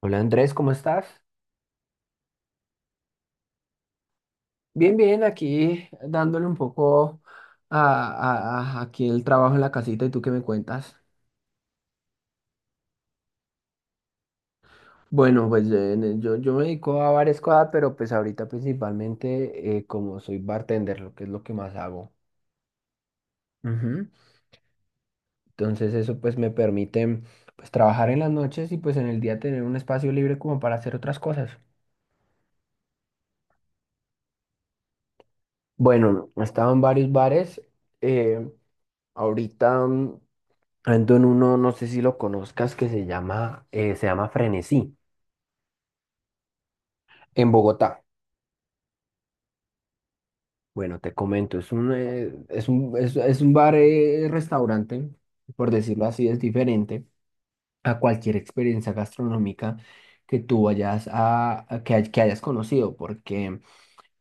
Hola Andrés, ¿cómo estás? Bien, bien, aquí dándole un poco aquí el trabajo en la casita y ¿tú qué me cuentas? Bueno, pues yo me dedico a varias cosas, pero pues ahorita principalmente como soy bartender, lo que es lo que más hago. Ujú. Entonces eso pues me permite pues trabajar en las noches y pues en el día tener un espacio libre como para hacer otras cosas. Bueno, he estado en varios bares. eh, ahorita, ando en uno, no sé si lo conozcas, que se llama Frenesí, en Bogotá. Bueno, te comento, es un bar, restaurante, por decirlo así, es diferente a cualquier experiencia gastronómica que tú vayas que hayas conocido, porque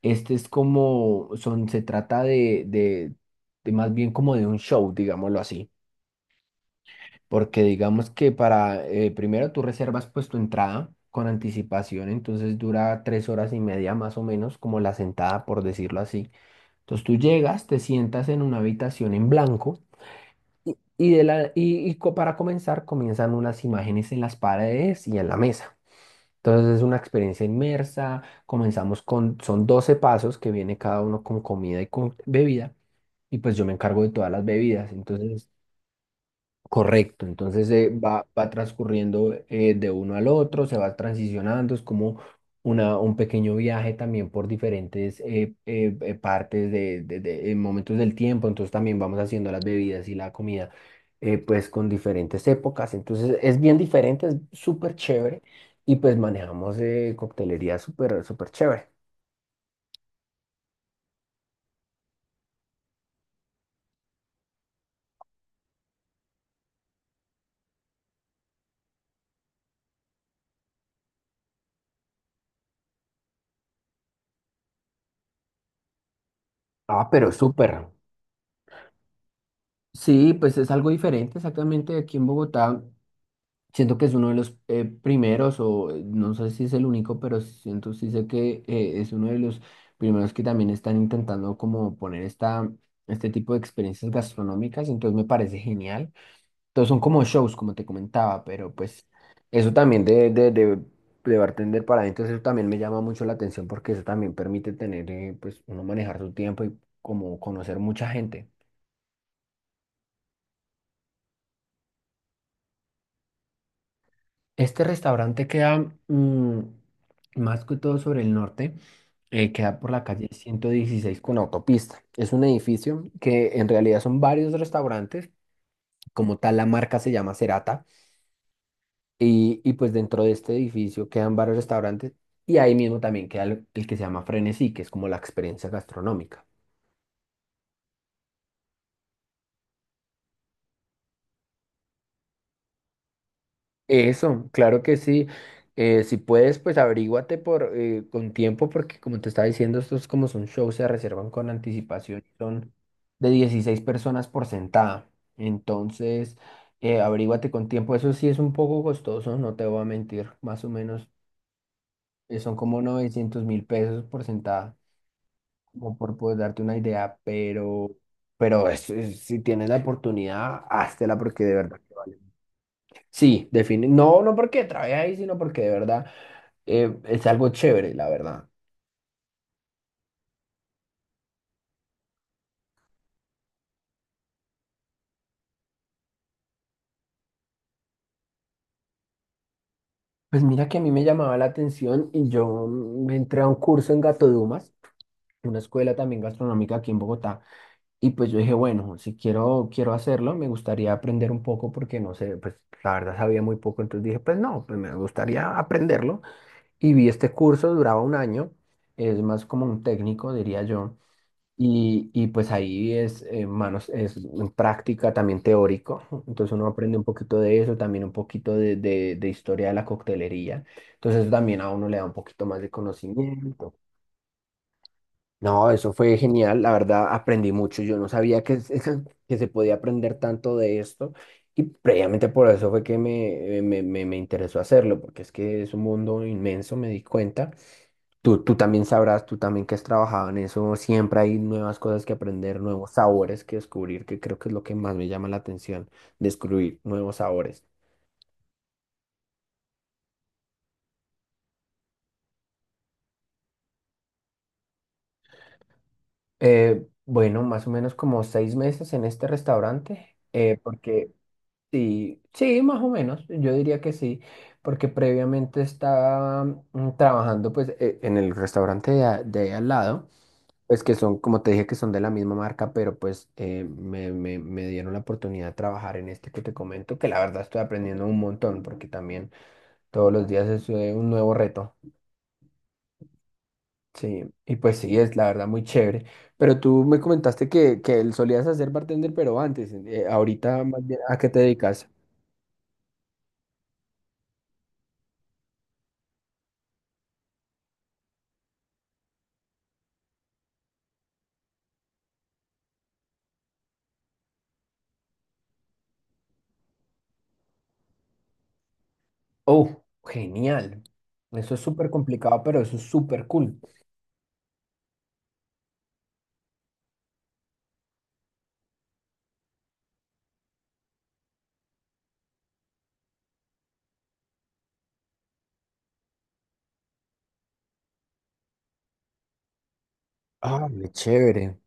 este es se trata de más bien como de un show, digámoslo así. Porque digamos que para, primero tú reservas pues tu entrada con anticipación, entonces dura 3 horas y media más o menos, como la sentada por decirlo así. Entonces tú llegas, te sientas en una habitación en blanco y para comenzar comienzan unas imágenes en las paredes y en la mesa. Entonces es una experiencia inmersa, comenzamos con, son 12 pasos que viene cada uno con comida y con bebida. Y pues yo me encargo de todas las bebidas. Entonces correcto, entonces va transcurriendo de uno al otro, se va transicionando, es como un pequeño viaje también por diferentes partes en momentos del tiempo, entonces también vamos haciendo las bebidas y la comida, pues con diferentes épocas. Entonces es bien diferente, es súper chévere y pues manejamos coctelería súper, súper chévere. Ah, pero súper. Sí, pues es algo diferente exactamente aquí en Bogotá. Siento que es uno de los primeros, o no sé si es el único, pero siento, sí sé que es uno de los primeros que también están intentando como poner este tipo de experiencias gastronómicas, entonces me parece genial. Entonces son como shows, como te comentaba, pero pues eso también de bartender para adentro, eso también me llama mucho la atención porque eso también permite tener, pues uno manejar su tiempo y como conocer mucha gente. Este restaurante queda, mm, más que todo sobre el norte, queda por la calle 116 con autopista. Es un edificio que en realidad son varios restaurantes. Como tal la marca se llama Cerata, y pues dentro de este edificio quedan varios restaurantes y ahí mismo también queda el que se llama Frenesí, que es como la experiencia gastronómica. Eso, claro que sí. Si puedes, pues averíguate con tiempo, porque como te estaba diciendo, estos como son shows, se reservan con anticipación, son de 16 personas por sentada. Entonces, averíguate con tiempo. Eso sí es un poco costoso, no te voy a mentir, más o menos son como 900.000 pesos por sentada, como por poder darte una idea, pero si tienes la oportunidad, háztela, porque de verdad que vale. Sí, define. No, no porque trae ahí, sino porque de verdad es algo chévere, la verdad. Pues mira que a mí me llamaba la atención y yo me entré a un curso en Gato Dumas, una escuela también gastronómica aquí en Bogotá, y pues yo dije, bueno, si quiero, quiero hacerlo, me gustaría aprender un poco porque no sé, pues la verdad sabía muy poco, entonces dije, pues no, pues me gustaría aprenderlo. Y vi este curso, duraba un año, es más como un técnico, diría yo. Y pues ahí es en práctica, también teórico. Entonces uno aprende un poquito de eso, también un poquito de historia de la coctelería. Entonces eso también a uno le da un poquito más de conocimiento. No, eso fue genial, la verdad aprendí mucho. Yo no sabía que, que se podía aprender tanto de esto, y previamente por eso fue que me interesó hacerlo, porque es que es un mundo inmenso, me di cuenta. Tú también sabrás, tú también que has trabajado en eso, siempre hay nuevas cosas que aprender, nuevos sabores que descubrir, que creo que es lo que más me llama la atención, descubrir nuevos sabores. Bueno, más o menos como 6 meses en este restaurante, porque sí, sí, más o menos, yo diría que sí, porque previamente estaba, trabajando pues en el restaurante de al lado, pues que son, como te dije, que son de la misma marca, pero pues me dieron la oportunidad de trabajar en este que te comento, que la verdad estoy aprendiendo un montón, porque también todos los días es un nuevo reto. Sí, y pues sí, es la verdad muy chévere. Pero tú me comentaste que solías hacer bartender, pero antes, ahorita más bien, ¿a qué te dedicas? Oh, genial. Eso es súper complicado, pero eso es súper cool. Ah, qué chévere.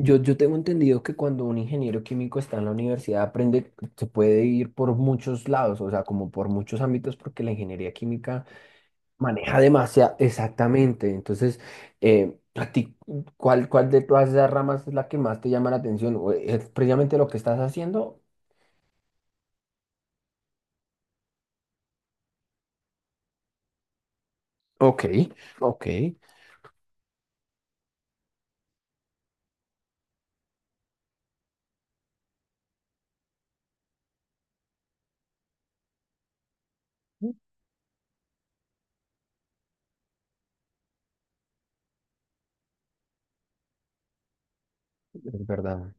Yo tengo entendido que cuando un ingeniero químico está en la universidad, aprende, se puede ir por muchos lados, o sea, como por muchos ámbitos, porque la ingeniería química maneja demasiado, exactamente. Entonces, a ti, ¿cuál de todas esas ramas es la que más te llama la atención? ¿O es precisamente lo que estás haciendo? Ok, ok, es verdad,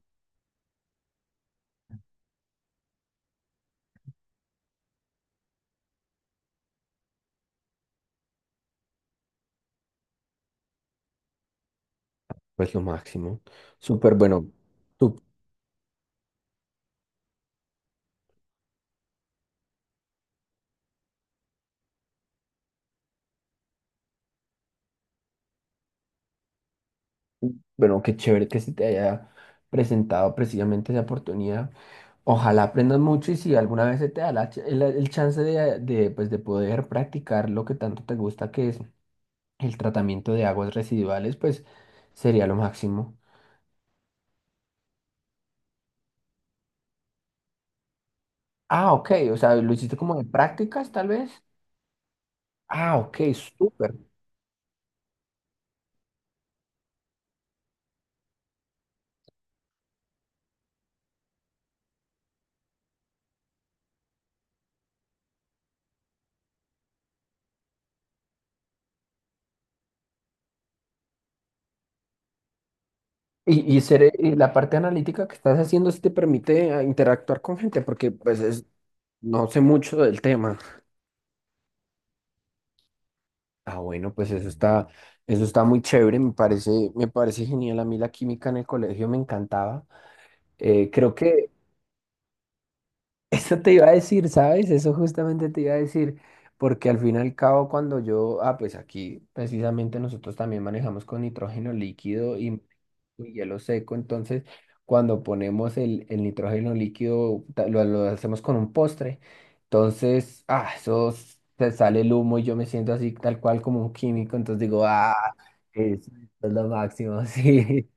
pues lo máximo. Súper bueno. Bueno, qué chévere que se te haya presentado precisamente esa oportunidad. Ojalá aprendas mucho, y si alguna vez se te da el chance de poder practicar lo que tanto te gusta, que es el tratamiento de aguas residuales, pues sería lo máximo. Ah, ok, o sea, lo hiciste como de prácticas tal vez. Ah, ok, súper. Y la parte analítica que estás haciendo si te permite, interactuar con gente, porque pues no sé mucho del tema. Ah, bueno, pues eso está muy chévere, me parece genial. A mí la química en el colegio me encantaba. Creo que eso te iba a decir, ¿sabes? Eso justamente te iba a decir, porque al fin y al cabo cuando pues aquí precisamente nosotros también manejamos con nitrógeno líquido y hielo seco, entonces cuando ponemos el nitrógeno líquido lo hacemos con un postre, entonces, ah, eso se sale el humo y yo me siento así tal cual como un químico, entonces digo, ah, eso es lo máximo. Sí.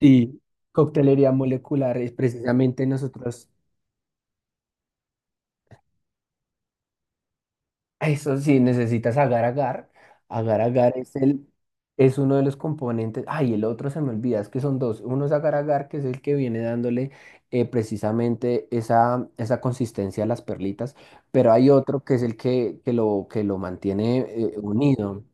Y coctelería molecular es precisamente nosotros. Eso sí, necesitas agar agar. Agar agar es uno de los componentes. Ay, el otro se me olvida, es que son dos. Uno es agar agar, que es el que viene dándole, precisamente esa consistencia a las perlitas, pero hay otro que es el que, que lo mantiene unido.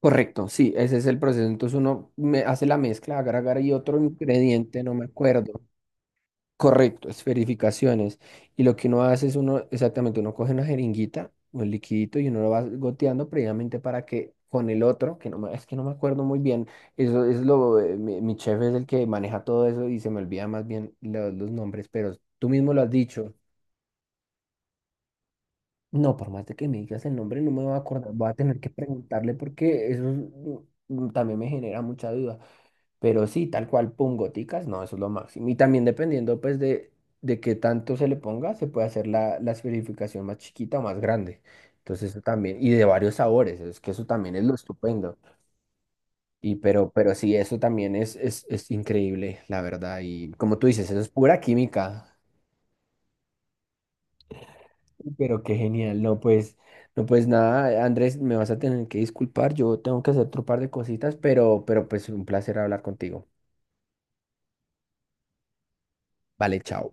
Correcto, sí, ese es el proceso. Entonces uno me hace la mezcla, agar agar y otro ingrediente, no me acuerdo. Correcto, es verificaciones. Y lo que uno hace es uno, exactamente, uno coge una jeringuita, un liquidito y uno lo va goteando previamente para que con el otro, que no me, es que no me acuerdo muy bien, eso es lo, mi chef es el que maneja todo eso y se me olvida más bien los nombres, pero tú mismo lo has dicho. No, por más de que me digas el nombre, no me voy a acordar, voy a tener que preguntarle, porque eso es, también me genera mucha duda. Pero sí, tal cual, pum, goticas, no, eso es lo máximo. Y también dependiendo, pues, de qué tanto se le ponga, se puede hacer la esferificación más chiquita o más grande. Entonces, eso también, y de varios sabores, es que eso también es lo estupendo. Pero sí, eso también es increíble, la verdad. Y como tú dices, eso es pura química. Pero qué genial, no, pues, no, pues nada, Andrés, me vas a tener que disculpar, yo tengo que hacer otro par de cositas, pero pues un placer hablar contigo. Vale, chao.